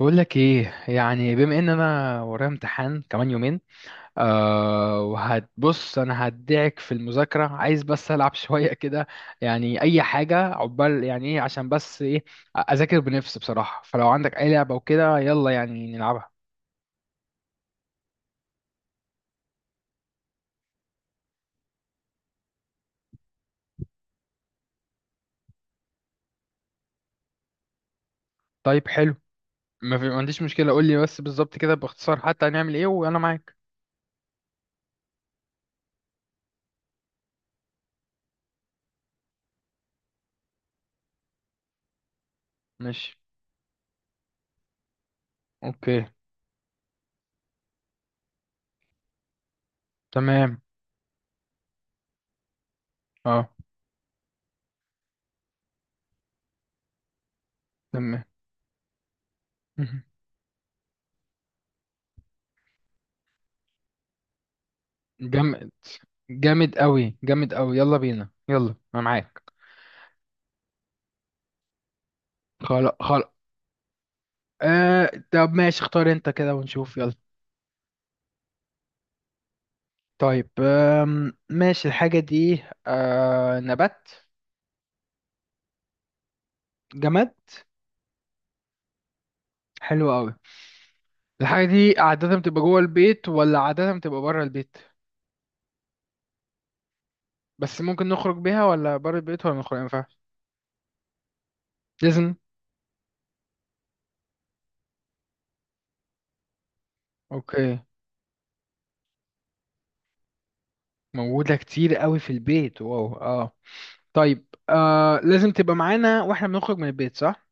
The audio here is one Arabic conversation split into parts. بقول لك ايه؟ يعني بما ان انا ورايا امتحان كمان يومين. وهتبص انا هدعك في المذاكره، عايز بس العب شويه كده. يعني اي حاجه عقبال يعني ايه عشان بس ايه، اذاكر بنفسي بصراحه. فلو عندك اي لعبه وكده يلا يعني نلعبها. طيب حلو. ما عنديش مشكله، قول لي بس بالظبط كده باختصار حتى هنعمل ايه وانا معاك. ماشي. اوكي. تمام. اه تمام. جامد، جامد قوي، جامد قوي، يلا بينا، يلا انا معاك. خلاص. طب ماشي، اختار انت كده ونشوف يلا. طيب ماشي. الحاجة دي نبات؟ جماد؟ حلو قوي. الحاجة دي عادة بتبقى جوه البيت ولا عادة بتبقى بره البيت؟ بس ممكن نخرج بيها ولا بره البيت ولا نخرج ما ينفعش؟ لازم. اوكي. موجودة كتير قوي في البيت، واو. اه طيب لازم تبقى معانا واحنا بنخرج من البيت، صح؟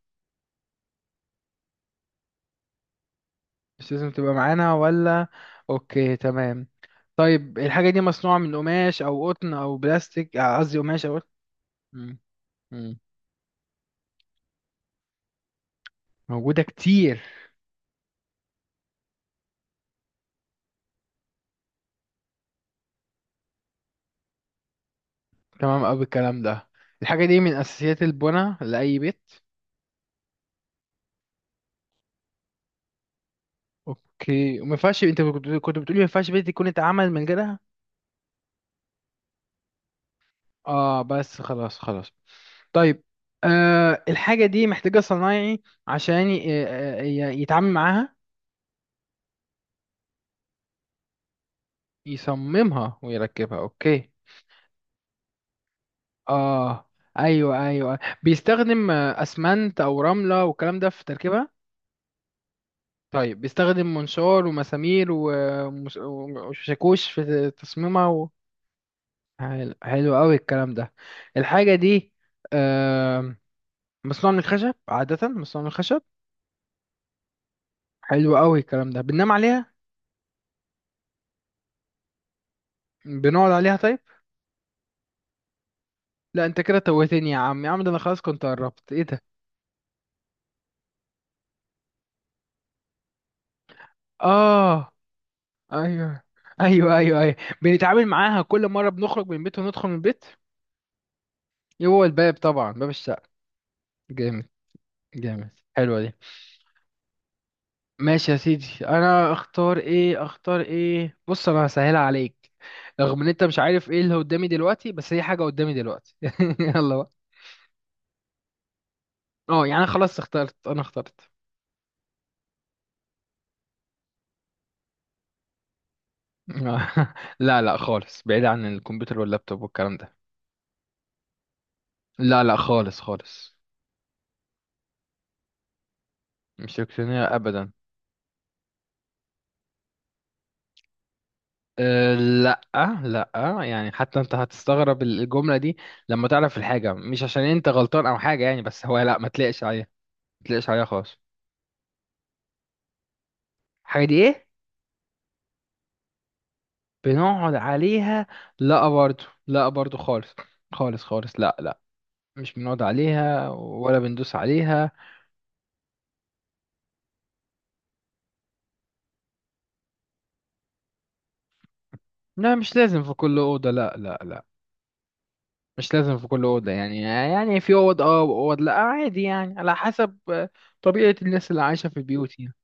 مش لازم تبقى معانا ولا؟ اوكي تمام. طيب الحاجة دي مصنوعة من قماش أو قطن أو بلاستيك قصدي قماش أو قطن؟ مم. مم. موجودة كتير. تمام أوي الكلام ده. الحاجة دي من أساسيات البناء لأي بيت. أوكي. وما ينفعش، أنت كنت بتقولي ما ينفعش بيت يكون اتعمل من غيرها؟ آه بس خلاص خلاص. طيب، الحاجة دي محتاجة صنايعي عشان يتعامل معاها؟ يصممها ويركبها. أوكي. آه أيوه أيوه، بيستخدم أسمنت أو رملة والكلام ده في تركيبها؟ طيب بيستخدم منشار ومسامير وشاكوش في تصميمها و... حلو، حلو قوي الكلام ده. الحاجة دي آم، مصنوعة من الخشب، عادة مصنوعة من الخشب؟ حلو قوي الكلام ده. بننام عليها؟ بنقعد عليها طيب؟ لا انت كده توهتني يا عم، يا عم ده انا خلاص كنت قربت، ايه ده؟ اه. ايوه، ايوه، ايوه، ايوه، بنتعامل معاها كل مرة بنخرج من البيت وندخل من البيت. إيه هو؟ الباب، طبعا باب الشقة. جامد. جامد. حلوة دي. ماشي يا سيدي، انا اختار ايه، اختار ايه، بص انا هسهلها عليك. رغم ان انت مش عارف ايه اللي قدامي دلوقتي، بس هي حاجة قدامي دلوقتي. يلا بقى. اه يعني خلاص اخترت، انا اخترت. لا لا خالص، بعيد عن الكمبيوتر واللابتوب والكلام ده. لا لا خالص خالص، مش الكترونية ابدا. أه لا. لا. يعني حتى انت هتستغرب الجملة دي لما تعرف الحاجة. مش عشان انت غلطان او حاجة يعني، بس هو لا، ما تلاقش عليها. ما تلاقش عليها خالص. الحاجة دي ايه؟ بنقعد عليها؟ لا برضو، لا برضو خالص. خالص خالص، لا لا، مش بنقعد عليها ولا بندوس عليها. لا مش لازم في كل أوضة، لا لا لا. مش لازم في كل أوضة، يعني يعني في أوض اه وأوض لا، عادي يعني على حسب طبيعة الناس اللي عايشة في البيوت يعني.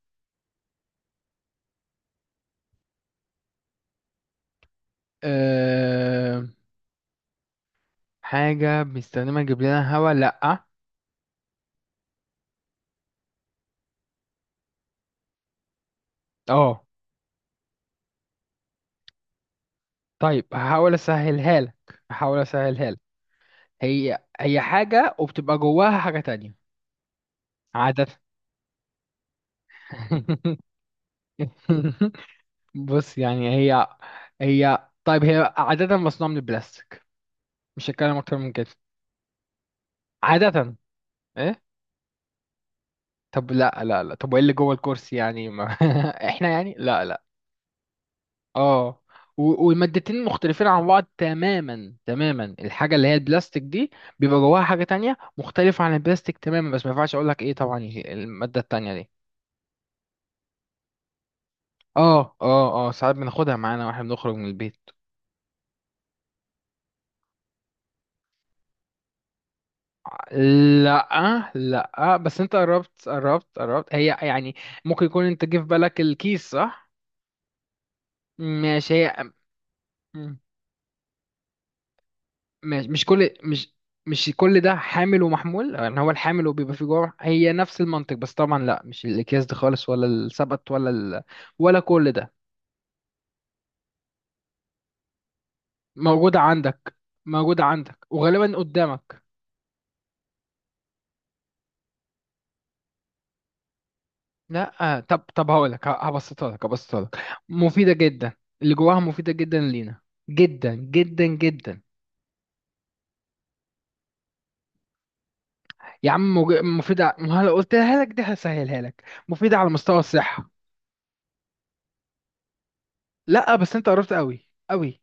أه، حاجة بنستخدمها تجيب لنا هوا؟ لا. اه طيب، هحاول أسهلها لك، هحاول أسهلها لك. هي، هي حاجة وبتبقى جواها حاجة تانية. عادة. بص يعني هي، هي طيب هي عادة مصنوعة من البلاستيك. مش هتكلم أكتر من كده. عادة. إيه؟ طب لا لا لا، طب وإيه اللي جوه الكرسي يعني؟ ما إحنا يعني لا لا، آه، والمادتين مختلفين عن بعض، تماما تماما. الحاجة اللي هي البلاستيك دي بيبقى جواها حاجة تانية مختلفة عن البلاستيك تماما، بس ما ينفعش أقول لك إيه طبعا هي المادة التانية دي. آه آه آه، ساعات بناخدها معانا وإحنا بنخرج من البيت. لا لا بس انت قربت قربت قربت، هي يعني ممكن يكون انت جه في بالك الكيس، صح؟ ماشي. هي، مم. ماشي. مش كل ده حامل ومحمول يعني، هو الحامل وبيبقى فيه جوه. هي نفس المنطق بس طبعا لا، مش الاكياس دي خالص ولا السبت ولا ال... ولا كل ده. موجودة عندك. موجودة عندك وغالبا قدامك. لا، طب طب هقول لك، هبسطها لك، هبسطها لك. مفيدة جدا. اللي جواها مفيدة جدا لينا، جدا جدا جدا. يا عم مفيدة ما هلا قلتها لك، دي هسهلها لك، مفيدة على مستوى الصحة. لا بس انت قربت قوي قوي.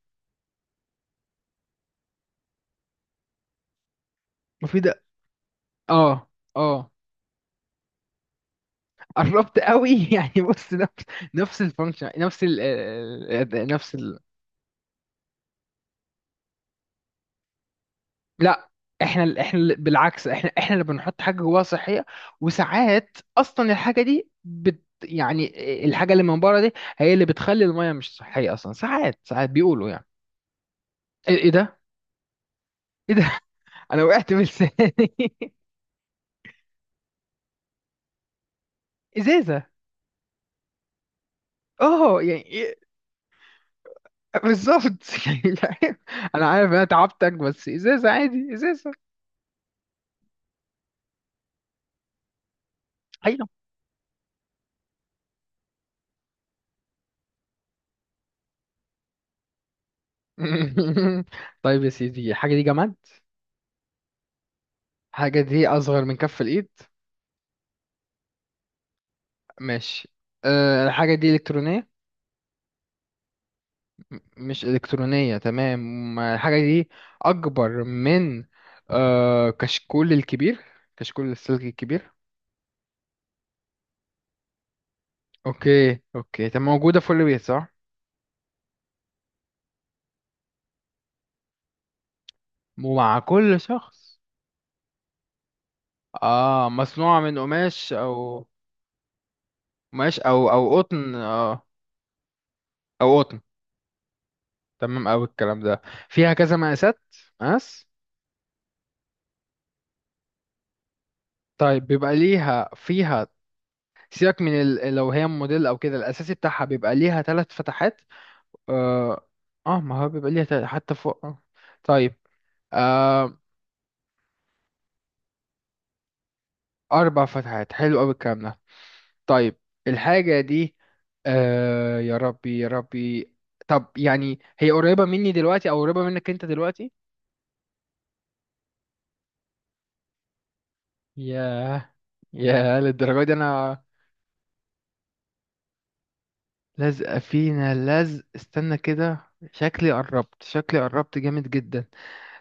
مفيدة. اه. اه. قربت قوي. يعني بص نفس، نفس الفانكشن نفس ال. لا، بالعكس، احنا اللي بنحط حاجة جواها صحية. وساعات اصلا الحاجة دي بت يعني، الحاجة اللي من بره دي هي اللي بتخلي المية مش صحية اصلا ساعات، بيقولوا يعني ايه، إيه ده؟ ايه ده؟ انا وقعت من لساني. ازازة. اه يعني إيه. بالظبط. يعني لا، انا عارف انا تعبتك بس ازازه عادي، ازازه. ايوه. طيب يا سيدي، الحاجه دي جماد؟ الحاجه دي اصغر من كف الايد؟ ماشي. أه الحاجه دي الكترونيه؟ مش الكترونيه تمام. الحاجه دي اكبر من، أه، كشكول الكبير؟ كشكول السلك الكبير؟ اوكي اوكي. طب موجوده في كل بيت، صح؟ ومع كل شخص؟ اه مصنوعه من قماش او، ماشي او او قطن، اه او قطن. تمام اوي الكلام ده. فيها كذا مقاسات، مقاس. طيب بيبقى ليها فيها، سيبك من ال... لو هي موديل او كده، الاساسي بتاعها بيبقى ليها 3 فتحات. اه، آه ما هو بيبقى ليها تل... حتى فوق، آه. طيب، آه، 4 فتحات، حلو اوي الكلام ده. طيب الحاجة دي، آه يا ربي يا ربي. طب يعني هي قريبة مني دلوقتي او قريبة منك انت دلوقتي؟ ياه. ياه للدرجة دي، انا. لزقة فينا. لزق؟ استنى كده، شكلي قربت، شكلي قربت جامد جدا.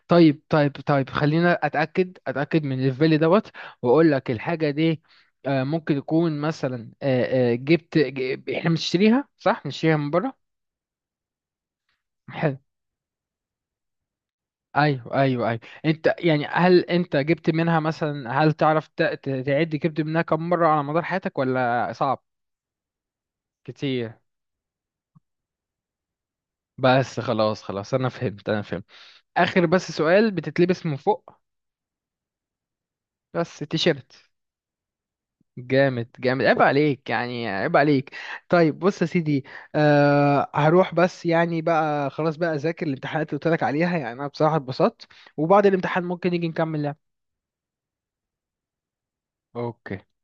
طيب طيب طيب، خلينا اتاكد، من الليفل دوت، واقول لك الحاجه دي، ممكن يكون مثلا، جبت احنا بنشتريها، صح؟ بنشتريها من بره. حلو. ايوه ايوه ايوه، انت يعني هل انت جبت منها مثلا، هل تعرف تعد جبت منها كم مره على مدار حياتك ولا صعب؟ كتير. بس خلاص خلاص، انا فهمت، انا فهمت. اخر بس سؤال، بتتلبس من فوق؟ بس تيشيرت. جامد جامد، عيب عليك يعني، عيب عليك. طيب بص يا سيدي، هروح بس يعني بقى، خلاص بقى اذاكر الامتحانات اللي قلت لك عليها. يعني انا بصراحة اتبسطت، وبعد الامتحان ممكن نيجي نكمل لعب. اوكي.